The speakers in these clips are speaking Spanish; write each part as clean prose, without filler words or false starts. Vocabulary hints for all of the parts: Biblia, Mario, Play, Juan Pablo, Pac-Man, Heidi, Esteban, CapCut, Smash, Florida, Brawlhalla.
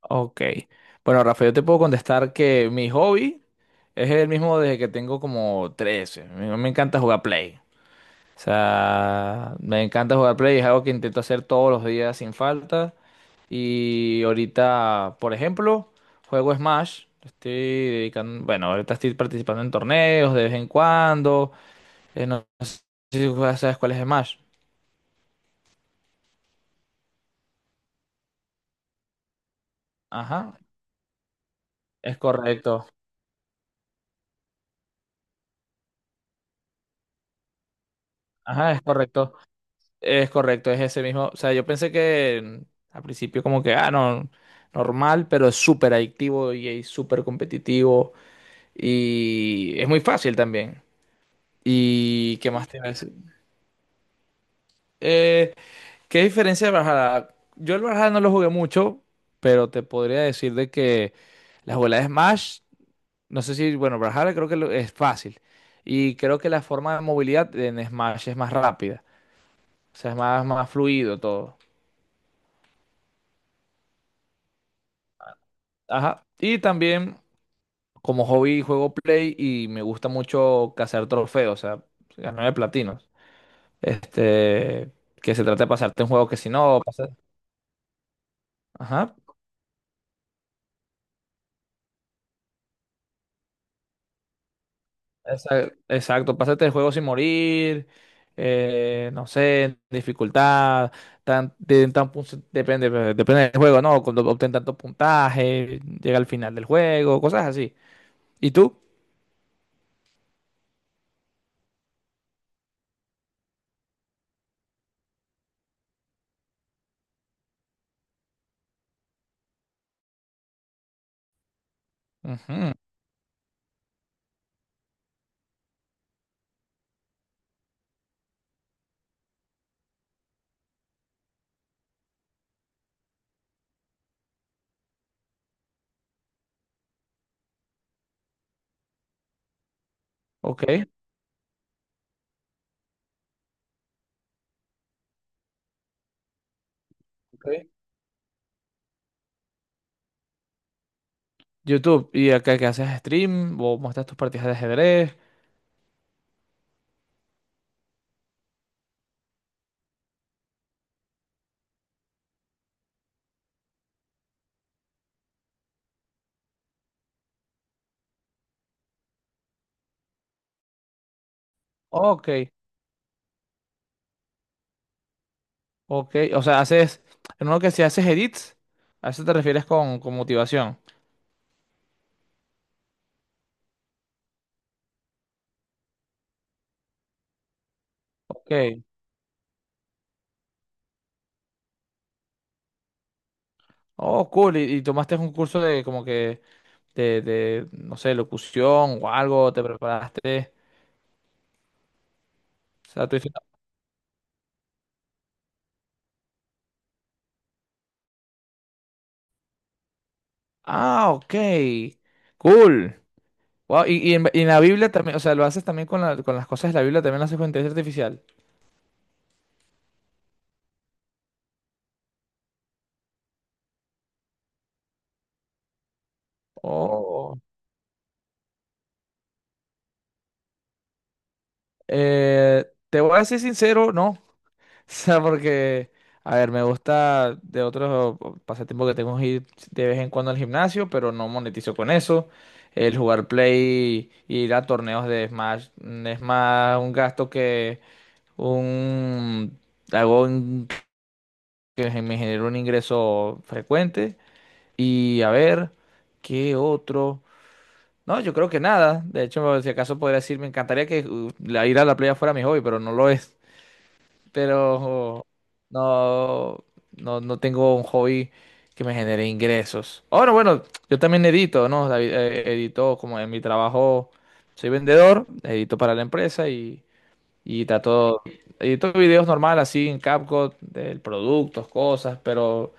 Ok. Bueno, Rafael, yo te puedo contestar que mi hobby es el mismo desde que tengo como 13. Me encanta jugar Play. O sea, me encanta jugar Play. Es algo que intento hacer todos los días sin falta. Y ahorita, por ejemplo, juego Smash. Estoy dedicando, bueno, ahorita estoy participando en torneos de vez en cuando. No sé si juegas- sabes cuál es Smash. Ajá, es correcto. Ajá, es correcto. Es correcto, es ese mismo. O sea, yo pensé que al principio como que, ah, no, normal, pero es súper adictivo y es súper competitivo y es muy fácil también. ¿Y qué más te iba a decir? Eh, ¿Qué diferencia de Brawlhalla? Yo el Brawlhalla no lo jugué mucho, pero te podría decir de que la jugabilidad de Smash, no sé si, bueno, Brawlhalla creo que lo- es fácil y creo que la forma de movilidad en Smash es más rápida, o sea, es más, más fluido todo. Ajá. Y también, como hobby juego Play y me gusta mucho cazar trofeos, o sea, ganar de platinos. Este, que se trata de pasarte un juego que si no, pasa- ajá, esa- exacto, pásate el juego sin morir, no sé, dificultad, tan, de- tan pun- depende, depende del juego, ¿no? Cuando obtén tanto puntaje, llega al final del juego, cosas así. ¿Y tú? Ujú. Ok. Ok. YouTube, ¿y acá que haces stream o muestras tus partidas de ajedrez? Ok. Ok, o sea, haces, en uno que si haces edits, a eso te refieres con motivación. Ok. Oh, cool. Y tomaste un curso de como que de, no sé, locución o algo, te preparaste. O sea, tú dices, ah, ok. Cool. Wow, y, y en la Biblia también, o sea, lo haces también con, la- con las cosas de la Biblia, también lo haces con inteligencia artificial. Oh. Eh, Te voy a decir sincero, no. O sea, porque, a ver, me gusta de otros pasatiempos que tengo es ir de vez en cuando al gimnasio, pero no monetizo con eso. El jugar Play, y ir a torneos de Smash, mm, es más un gasto que un... Hago un- que me genera un ingreso frecuente. Y a ver, ¿qué otro? No, yo creo que nada. De hecho, si acaso podría decir, me encantaría que la- ir a la playa fuera mi hobby, pero no lo es pero no, no, no tengo un hobby que me genere ingresos. Ahora, bueno, yo también edito, ¿no? David, edito como en mi trabajo, soy vendedor, edito para la empresa y trato, edito videos normal así en CapCut, de productos, cosas, pero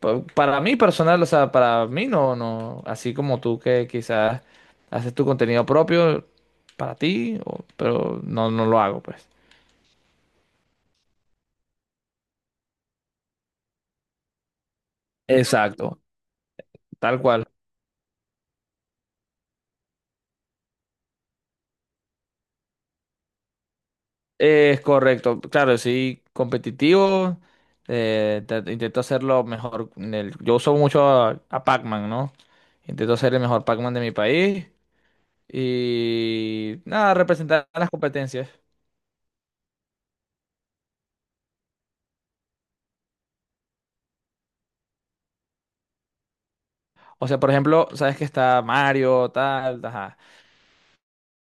pa- para mí personal, o sea, para mí no, no, así como tú que quizás haces tu contenido propio para ti, o- pero no, no lo hago, pues. Exacto, tal cual. Es correcto, claro, sí, competitivo. Te- intento hacerlo mejor. En el- yo uso mucho a Pac-Man, ¿no? Intento ser el mejor Pac-Man de mi país y nada, representar a las competencias. O sea, por ejemplo, sabes que está Mario, tal, ajá.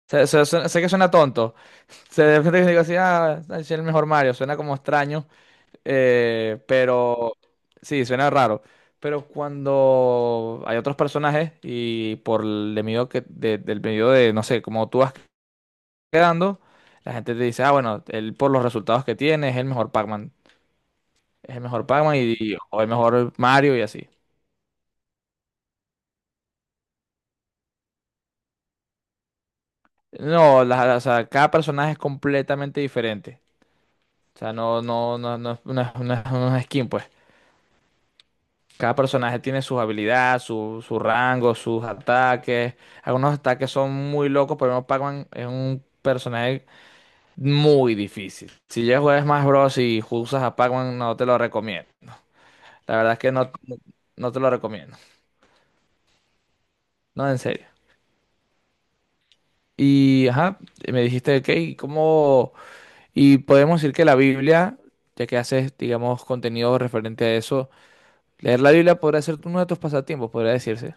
Sé que suena tonto. Se de repente digo así, ah, soy el mejor Mario, suena como extraño. Pero sí, suena raro. Pero cuando hay otros personajes y por el de medio que, de- del medio de, no sé, como tú vas quedando, la gente te dice, ah, bueno, él por los resultados que tiene es el mejor Pac-Man. Es el mejor Pac-Man y- o el mejor Mario y así. No, la- la- o sea, cada personaje es completamente diferente. O sea, no, no, no, no, no es- no, es no es- no skin, pues. Cada personaje tiene sus habilidades, su rango, sus ataques. Algunos ataques son muy locos, pero no Pac-Man es un personaje muy difícil. Si ya juegas Smash Bros. Y usas a Pac-Man, no te lo recomiendo. La verdad es que no, no te lo recomiendo. No, en serio. Y ajá, me dijiste, ok, ¿y ¿cómo? Y podemos decir que la Biblia, ya que haces, digamos, contenido referente a eso, leer la Biblia podría ser uno de tus pasatiempos, podría decirse.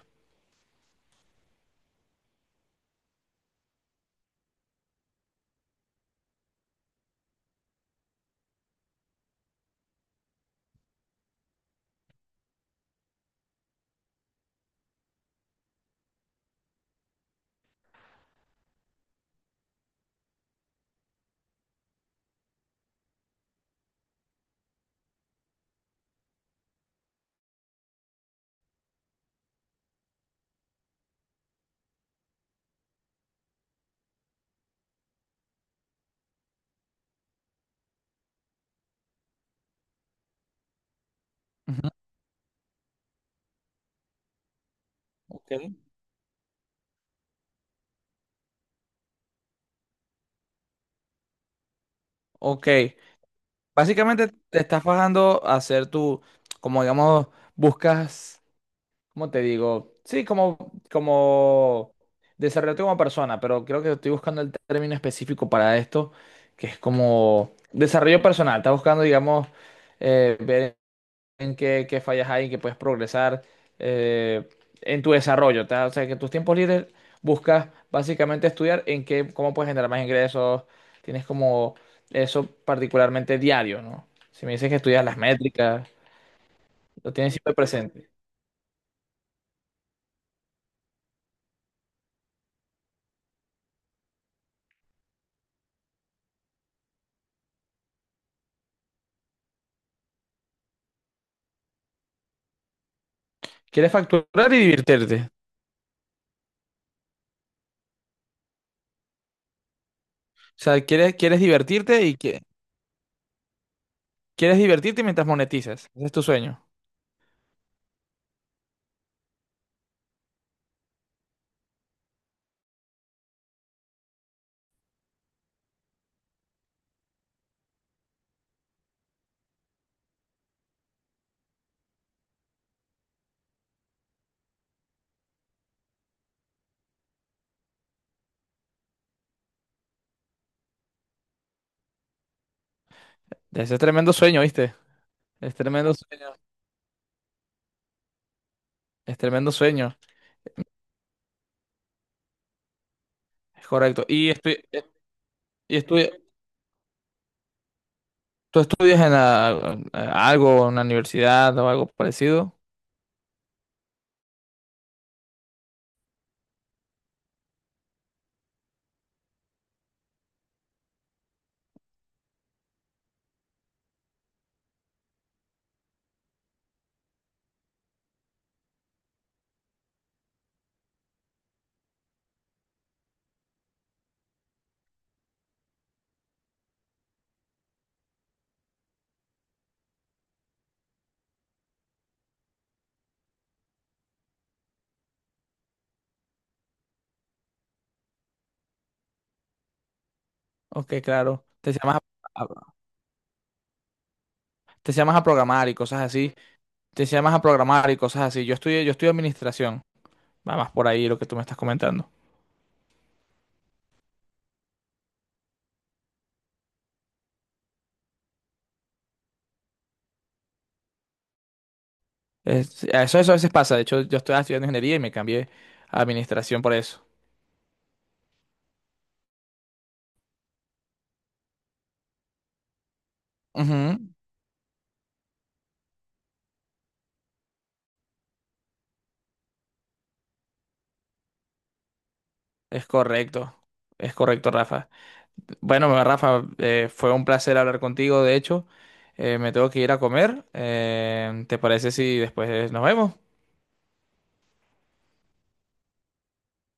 Ujú. Ok. Ok, básicamente te estás bajando a hacer tu, como digamos, buscas, ¿cómo te digo? Sí, como, como desarrollarte como persona, pero creo que estoy buscando el término específico para esto, que es como desarrollo personal. Estás buscando, digamos, ver en qué, qué fallas hay, en qué puedes progresar eh, en tu desarrollo. ¿Tá? O sea, que en tus tiempos libres buscas básicamente estudiar en qué, cómo puedes generar más ingresos. Tienes como eso particularmente diario, ¿no? Si me dices que estudias las métricas, lo tienes siempre presente. Quieres facturar y divertirte. O sea, quieres, quieres divertirte y que, quieres divertirte mientras monetizas. Ese es tu sueño. Ese es tremendo sueño, ¿viste? Es tremendo sueño. Es tremendo sueño. Es correcto. Y estoy, ¿tú estudias en la- algo, en la universidad o algo parecido? Ok, claro. Te llamas a- te llamas a programar y cosas así. Te llamas a programar y cosas así. Yo estudio administración. Va más por ahí lo que tú me estás comentando. Es- eso a veces pasa. De hecho, yo estoy estudiando ingeniería y me cambié a administración por eso. Ujú. Es correcto. Es correcto, Rafa. Bueno, Rafa, fue un placer hablar contigo. De hecho, me tengo que ir a comer. ¿Te parece si después nos vemos?